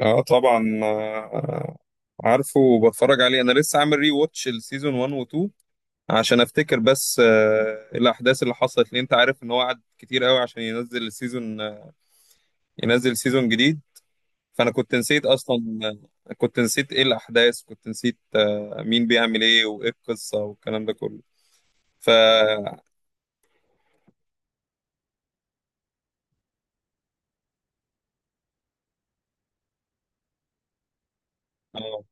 اه طبعا، عارفه وبتفرج عليه. انا لسه عامل ري واتش السيزون 1 و 2 عشان افتكر. بس الاحداث اللي حصلت، لان انت عارف ان هو قعد كتير قوي عشان ينزل السيزون آه، ينزل سيزون جديد. فانا كنت نسيت اصلا، كنت نسيت ايه الاحداث، كنت نسيت مين بيعمل ايه وايه القصة والكلام ده كله. ف آه،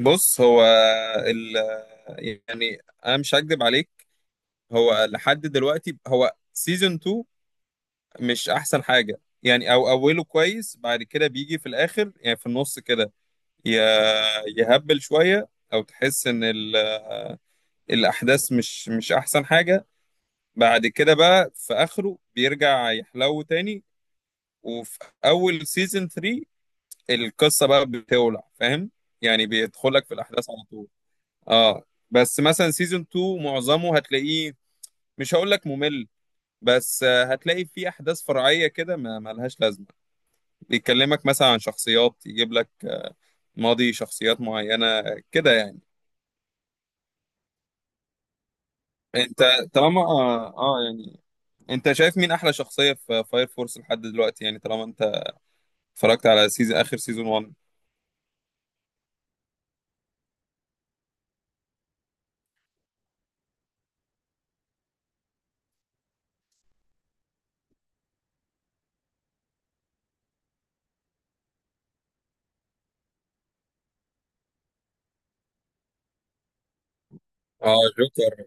بص، هو ال... آه، يعني انا مش هكدب عليك. هو لحد دلوقتي هو سيزون 2 مش احسن حاجه يعني، او اوله كويس، بعد كده بيجي في الاخر يعني في النص كده ي- يهبل شويه، او تحس ان الاحداث مش احسن حاجه. بعد كده بقى في اخره بيرجع يحلو تاني، وفي اول سيزون 3 القصه بقى بتولع، فاهم؟ يعني بيدخلك في الاحداث على طول. اه، بس مثلا سيزون 2 معظمه هتلاقيه مش هقول لك ممل، بس هتلاقي فيه احداث فرعيه كده ما ملهاش لازمه، بيكلمك مثلا عن شخصيات، يجيب لك ماضي شخصيات معينة كده يعني. انت طالما اه, آه يعني انت شايف مين احلى شخصية في فاير فورس لحد دلوقتي يعني، طالما انت اتفرجت على سيزون اخر سيزون 1؟ اه، جوكر.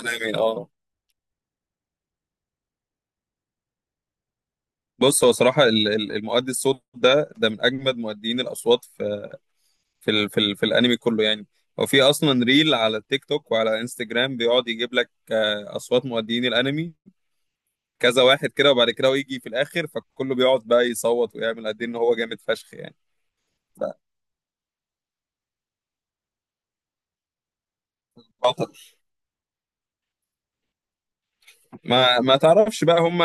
انا مين؟ اه. بص، هو صراحة المؤدي الصوت ده من اجمد مؤديين الاصوات في الانمي كله يعني. هو في اصلا ريل على التيك توك وعلى انستجرام، بيقعد يجيب لك اصوات مؤديين الانمي كذا واحد كده، وبعد كده هو يجي في الاخر، فكله بيقعد بقى يصوت ويعمل قد إيه ان هو جامد فشخ يعني. ف- بطل. ما تعرفش بقى، هم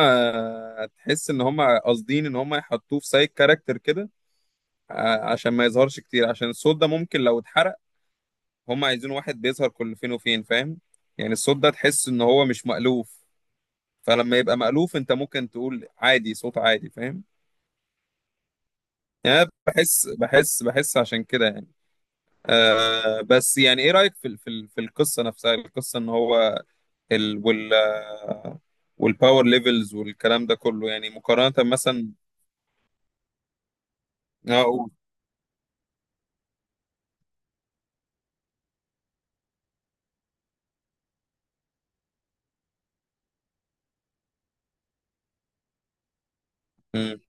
تحس ان هم قاصدين ان هم يحطوه في سايد كاركتر كده، عشان ما يظهرش كتير، عشان الصوت ده ممكن لو اتحرق. هم عايزين واحد بيظهر كل فين وفين، فاهم؟ يعني الصوت ده تحس ان هو مش مألوف. فلما يبقى مألوف انت ممكن تقول عادي، صوت عادي، فاهم؟ يعني أنا بحس عشان كده يعني. بس يعني، ايه رأيك في ال- في ال- في القصة نفسها، القصة ان هو ال وال والباور ليفلز والكلام ده كله، يعني مقارنة مثلا؟ اه. أمم.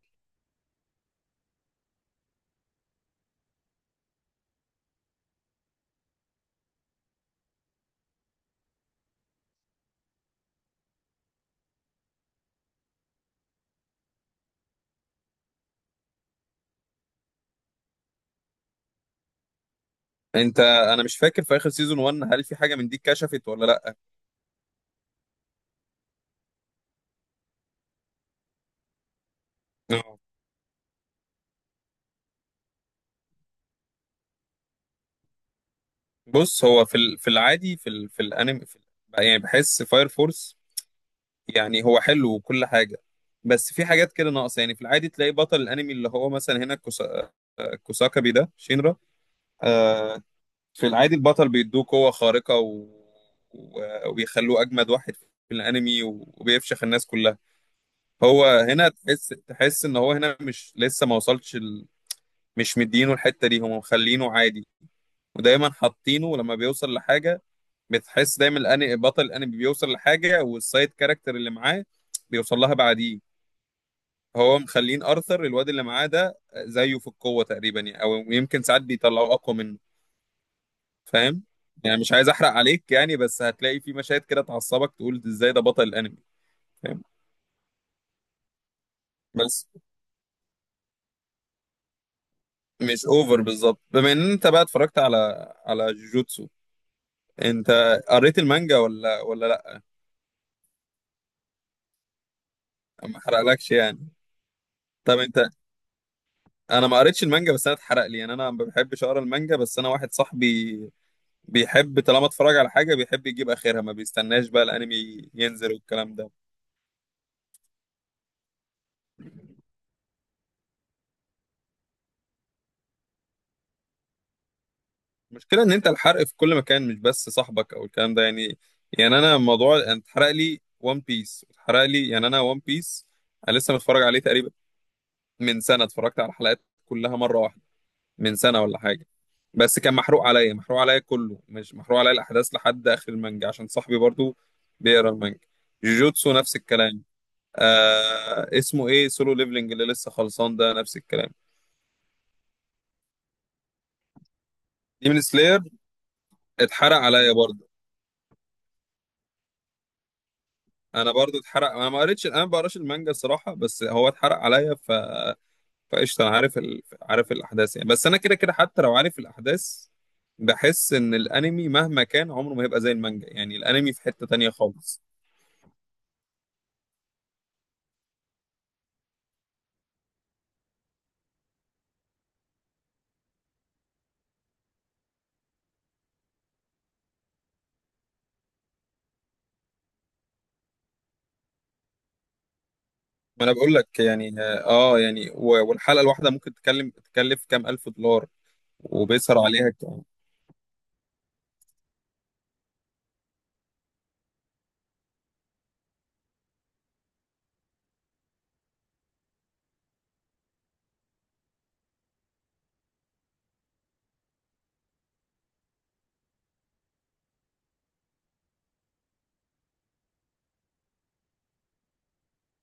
انا مش فاكر، في اخر سيزون 1 هل في حاجة من دي اتكشفت ولا لا؟ آه. بص، هو في العادي، في الانمي، يعني بحس فاير فورس يعني هو حلو وكل حاجة، بس في حاجات كده ناقصة يعني. في العادي تلاقي بطل الانمي اللي هو مثلا هنا كوساكابي، ده شينرا. آه، في العادي البطل بيدوه قوة خارقة، و... و- وبيخلوه أجمد واحد في الأنمي، و- وبيفشخ الناس كلها. هو هنا تحس إن هو هنا مش، لسه ما وصلش مش مدينه، الحتة دي هم مخلينه عادي، ودايما حاطينه لما بيوصل لحاجة، بتحس دايما بطل الأنمي بيوصل لحاجة والسايد كاركتر اللي معاه بيوصل لها بعديه. هو مخلين أرثر الواد اللي معاه ده زيه في القوة تقريبا يعني، أو يمكن ساعات بيطلعوا أقوى منه. فاهم؟ يعني مش عايز احرق عليك يعني، بس هتلاقي في مشاهد كده تعصبك تقول ازاي ده بطل الانمي، فاهم؟ بس مش اوفر بالظبط، بما ان انت بقى اتفرجت على جوجوتسو، انت قريت المانجا ولا لا؟ ما حرقلكش يعني. طب، انا ما قريتش المانجا، بس انا اتحرق لي يعني. انا ما بحبش اقرا المانجا، بس انا واحد صاحبي بيحب، طالما اتفرج على حاجه بيحب يجيب اخرها، ما بيستناش بقى الانمي ينزل والكلام ده. المشكلة إن أنت الحرق في كل مكان، مش بس صاحبك أو الكلام ده يعني. يعني أنا، موضوع أنا اتحرق لي ون بيس، اتحرق لي، يعني أنا ون بيس أنا لسه متفرج عليه تقريبا، من سنة اتفرجت على الحلقات كلها مرة واحدة، من سنة ولا حاجة. بس كان محروق عليا، محروق عليا كله، مش محروق عليا الأحداث لحد آخر المانجا، عشان صاحبي برضو بيقرا المانجا. جوجوتسو نفس الكلام. اسمه إيه، سولو ليفلينج اللي لسه خلصان ده، نفس الكلام. ديمون سلاير اتحرق عليا برضو. انا برضو اتحرق، انا ما قريتش انا ما بقراش المانجا الصراحه، بس هو اتحرق عليا. فقشطه، انا عارف الاحداث يعني، بس انا كده كده حتى لو عارف الاحداث، بحس ان الانمي مهما كان عمره ما هيبقى زي المانجا، يعني الانمي في حته تانية خالص. ما انا بقول لك يعني، اه يعني، و- والحلقه الواحده ممكن تكلف كام الف دولار، وبيسهر عليها كام.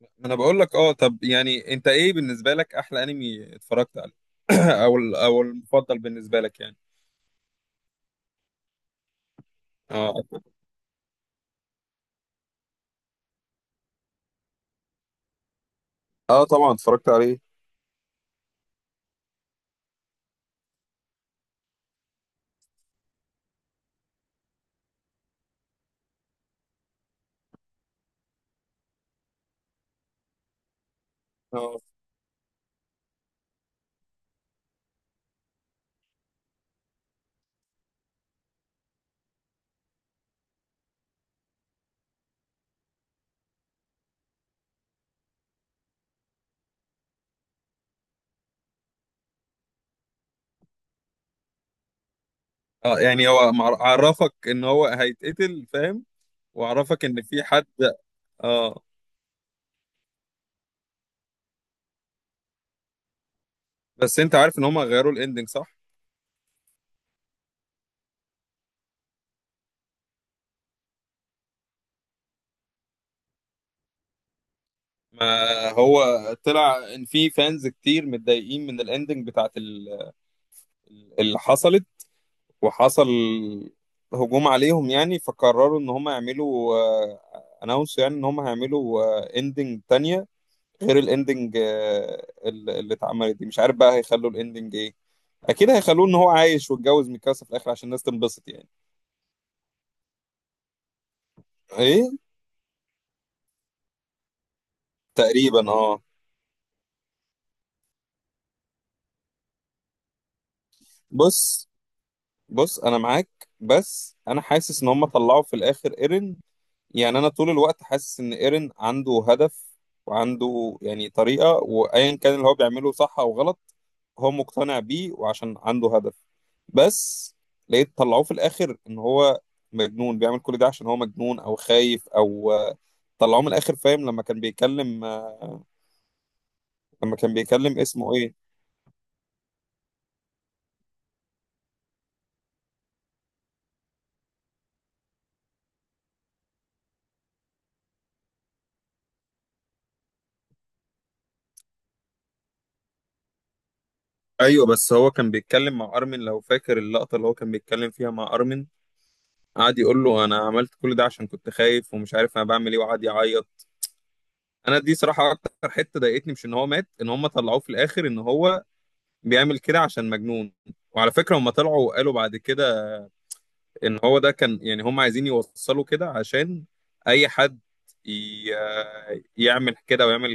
ما انا بقول لك. اه، طب يعني، انت ايه بالنسبه لك احلى انمي اتفرجت عليه؟ او المفضل بالنسبه لك يعني؟ اه، اه طبعا، اتفرجت عليه. اه، اه يعني، هو عرفك ان هو هيتقتل، فاهم؟ وعرفك ان في حد، اه. بس انت عارف ان هم غيروا الاندنج، صح؟ ما هو طلع ان في فانز كتير متضايقين من الاندنج بتاعت اللي حصلت، وحصل هجوم عليهم يعني، فقرروا ان هم يعملوا اناونس، يعني ان هم هيعملوا اندنج تانية، غير الاندنج اللي اتعملت دي. مش عارف بقى هيخلوا الاندنج ايه، اكيد هيخلوه ان هو عايش واتجوز ميكاسا في الاخر عشان الناس تنبسط يعني. ايه. تقريبا اه. بص، بص، انا معاك، بس انا حاسس ان هم طلعوا في الاخر ايرن. يعني انا طول الوقت حاسس ان ايرن عنده هدف، وعنده يعني طريقة، وايا كان اللي هو بيعمله صح او غلط هو مقتنع بيه، وعشان عنده هدف. بس لقيت طلعوه في الاخر ان هو مجنون، بيعمل كل ده عشان هو مجنون او خايف، او طلعوه من الاخر، فاهم؟ لما كان بيكلم اسمه ايه. ايوه، بس هو كان بيتكلم مع ارمن، لو فاكر اللقطه اللي هو كان بيتكلم فيها مع ارمن، قعد يقول له انا عملت كل ده عشان كنت خايف ومش عارف انا بعمل ايه، وقعد يعيط. انا دي صراحه اكتر حته ضايقتني، مش ان هو مات، ان هم طلعوه في الاخر ان هو بيعمل كده عشان مجنون. وعلى فكره هم طلعوا وقالوا بعد كده ان هو ده كان، يعني هم عايزين يوصلوا كده عشان اي حد ي- يعمل كده ويعمل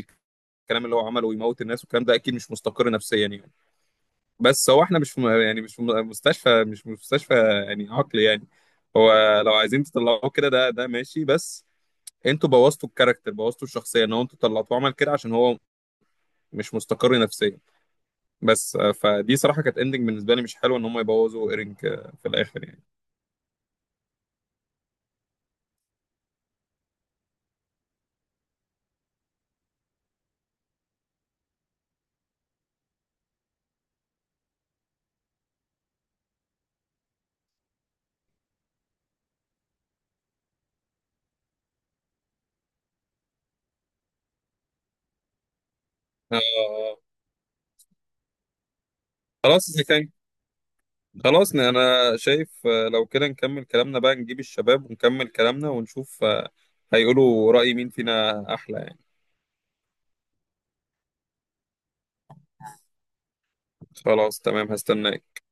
الكلام اللي هو عمله ويموت الناس والكلام ده اكيد مش مستقر نفسيا يعني. بس هو احنا مش في يعني مش في مستشفى، مش في مستشفى يعني، عقل يعني. هو لو عايزين تطلعوه كده ده ماشي، بس انتوا بوظتوا الكاركتر، بوظتوا الشخصيه، ان هو انتوا طلعتوه عمل كده عشان هو مش مستقر نفسيا. بس، فدي صراحه كانت اندنج بالنسبه لي مش حلوه، ان هم يبوظوا ايرينج في الاخر يعني آه خلاص اذا كان خلاص، انا شايف لو كده نكمل كلامنا بقى، نجيب الشباب ونكمل كلامنا ونشوف هيقولوا رأي مين فينا احلى يعني. خلاص، تمام، هستناك.